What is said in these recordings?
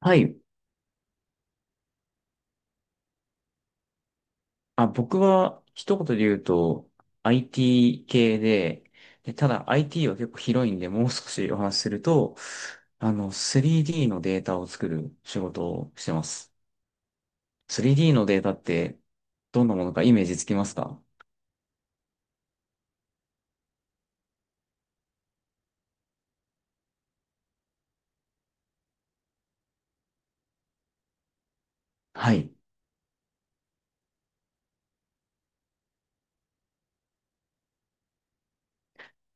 はい。僕は一言で言うと IT 系で、ただ IT は結構広いんで、もう少しお話しすると、3D のデータを作る仕事をしてます。3D のデータってどんなものかイメージつきますか？はい。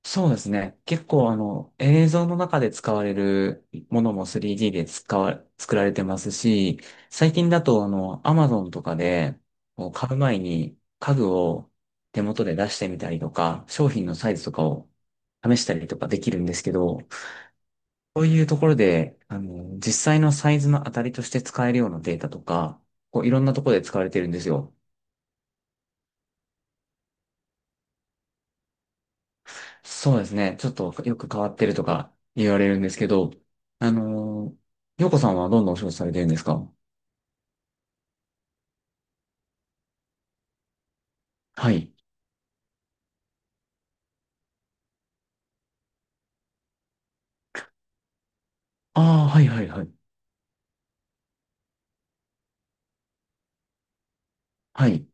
そうですね。結構映像の中で使われるものも 3D で作られてますし、最近だとAmazon とかでこう買う前に家具を手元で出してみたりとか、商品のサイズとかを試したりとかできるんですけど、そういうところで、実際のサイズの当たりとして使えるようなデータとか、こういろんなところで使われてるんですよ。そうですね。ちょっとよく変わってるとか言われるんですけど、あの洋子さんはどんなお仕事されてるんですか？はい。ああ、はいはいはい。はい。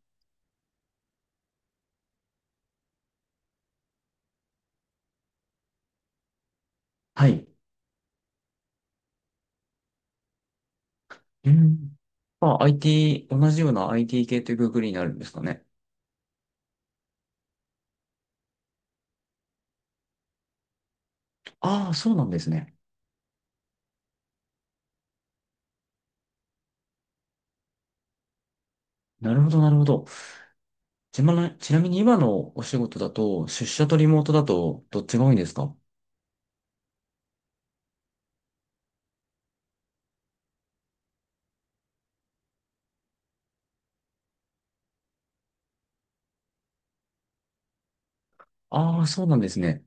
はい。うん。まあ、同じような IT 系というくくりになるんですかね。ああ、そうなんですね。なるほど、なるほど。ちなみに今のお仕事だと、出社とリモートだと、どっちが多いんですか？ああー、そうなんですね。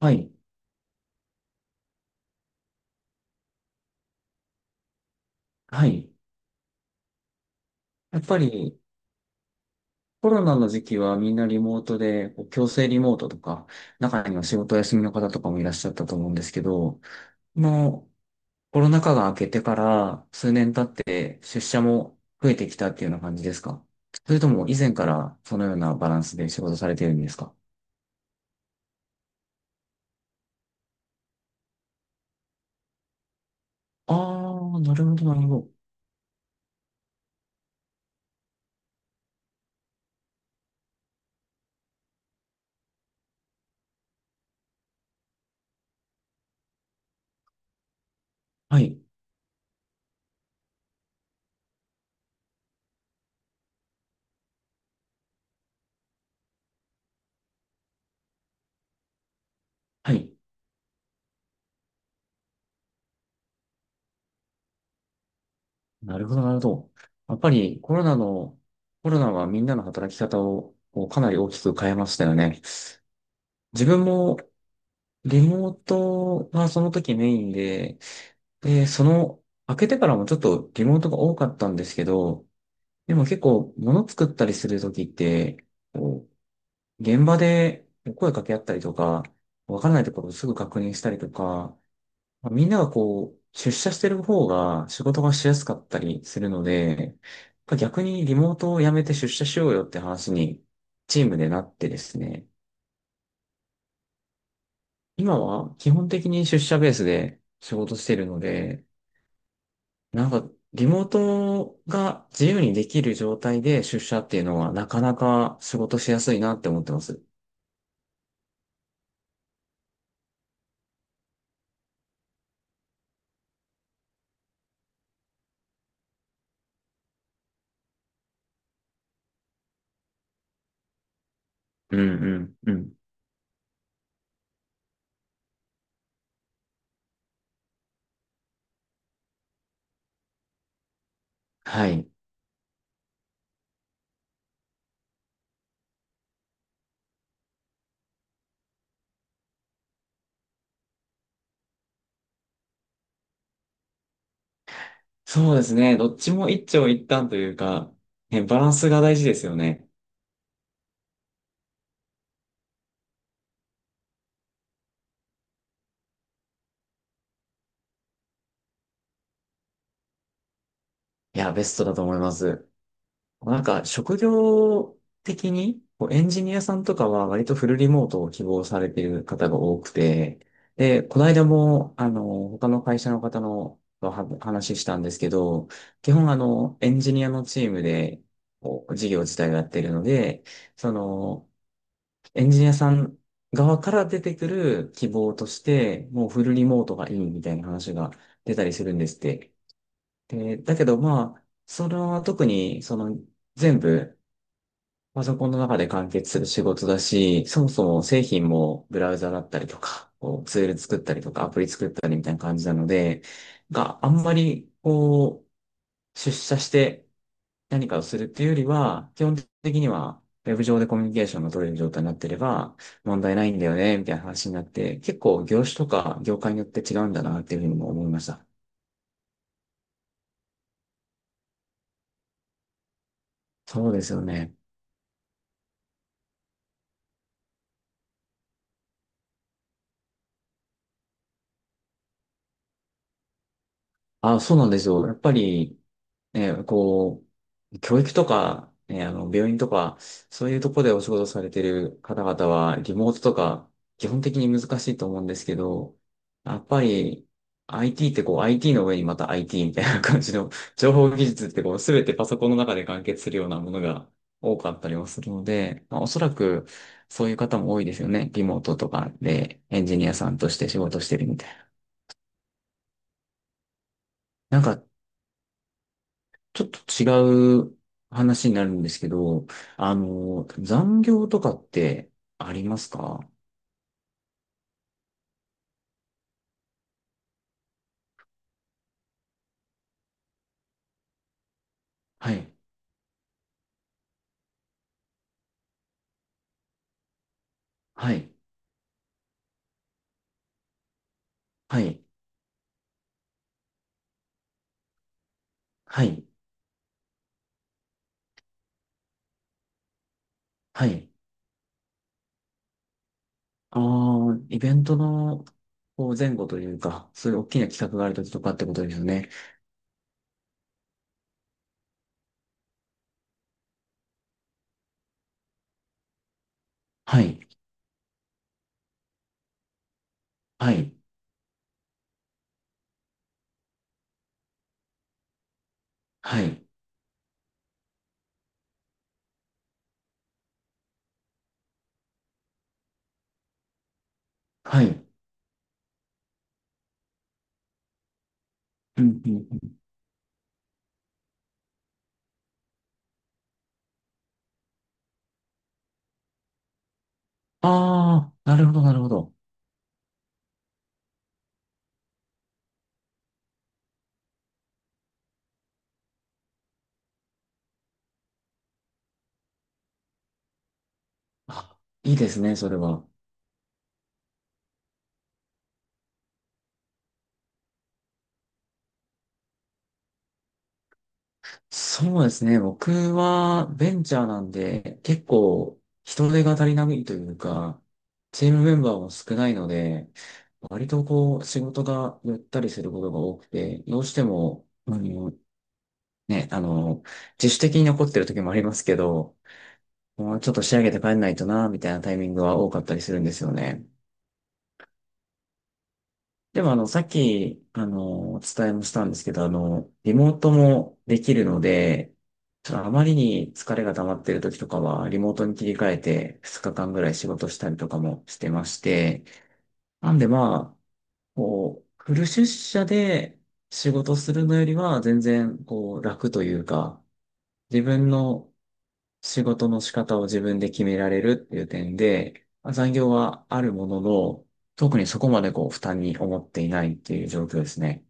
はい。はい。やっぱり、コロナの時期はみんなリモートで、こう強制リモートとか、中には仕事休みの方とかもいらっしゃったと思うんですけど、もうコロナ禍が明けてから数年経って出社も増えてきたっていうような感じですか？それとも以前からそのようなバランスで仕事されてるんですか？ああー、なるほど、なるほど。はい、はい。なるほど、なるほど。やっぱりコロナはみんなの働き方をこうかなり大きく変えましたよね。自分もリモートはその時メインで、開けてからもちょっとリモートが多かったんですけど、でも結構物作ったりする時って、こう、現場で声かけ合ったりとか、わからないところをすぐ確認したりとか、まあみんながこう、出社してる方が仕事がしやすかったりするので、逆にリモートをやめて出社しようよって話にチームでなってですね。今は基本的に出社ベースで仕事してるので、なんかリモートが自由にできる状態で出社っていうのはなかなか仕事しやすいなって思ってます。うんうんうん。はい。そうですね。どっちも一長一短というか、ね、バランスが大事ですよね。いや、ベストだと思います。なんか職業的にこうエンジニアさんとかは割とフルリモートを希望されている方が多くて、で、この間も他の会社の方のとは話したんですけど、基本エンジニアのチームでこう事業自体をやっているので、そのエンジニアさん側から出てくる希望として、もうフルリモートがいいみたいな話が出たりするんですって。で、だけどまあ、それは特にその全部パソコンの中で完結する仕事だし、そもそも製品もブラウザだったりとか、こうツール作ったりとか、アプリ作ったりみたいな感じなので、があんまりこう、出社して何かをするっていうよりは、基本的にはウェブ上でコミュニケーションが取れる状態になってれば問題ないんだよね、みたいな話になって、結構業種とか業界によって違うんだなっていうふうにも思いました。そうですよね。あ、そうなんですよ。やっぱり、ね、こう、教育とか、ね、病院とか、そういうとこでお仕事されてる方々は、リモートとか、基本的に難しいと思うんですけど、やっぱり、IT ってこう、IT の上にまた IT みたいな感じの、情報技術ってこう、すべてパソコンの中で完結するようなものが多かったりもするので、まあ、おそらく、そういう方も多いですよね。リモートとかで、エンジニアさんとして仕事してるみたいな。なんか、ちょっと違う話になるんですけど、残業とかってありますか？はい、はい、はい、はい、はい。ああ、イベントのこう前後というか、そういう大きな企画があるときとかってことですよね。はい、はい、はい、はい。うん、うん、うん。ああ、なるほど、なるほど。あ、いいですね、それは。そうですね。僕はベンチャーなんで、結構人手が足りないというか、チームメンバーも少ないので、割とこう仕事がゆったりすることが多くて、どうしても、ね、あの、自主的に残ってる時もありますけど、もうちょっと仕上げて帰んないとな、みたいなタイミングは多かったりするんですよね。でもさっき、お伝えもしたんですけど、リモートもできるので、ちょっとあまりに疲れが溜まってる時とかは、リモートに切り替えて2日間ぐらい仕事したりとかもしてまして、なんでまあ、こう、フル出社で仕事するのよりは全然こう楽というか、自分の仕事の仕方を自分で決められるっていう点で、まあ残業はあるものの、特にそこまでこう負担に思っていないっていう状況ですね。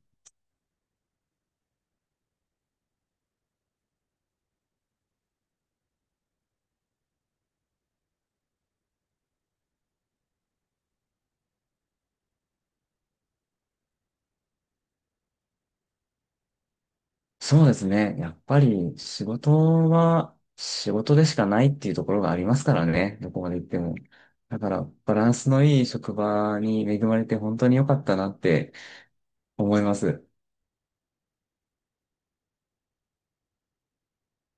そうですね。やっぱり仕事は仕事でしかないっていうところがありますからね。どこまで行っても。だからバランスのいい職場に恵まれて本当に良かったなって思います。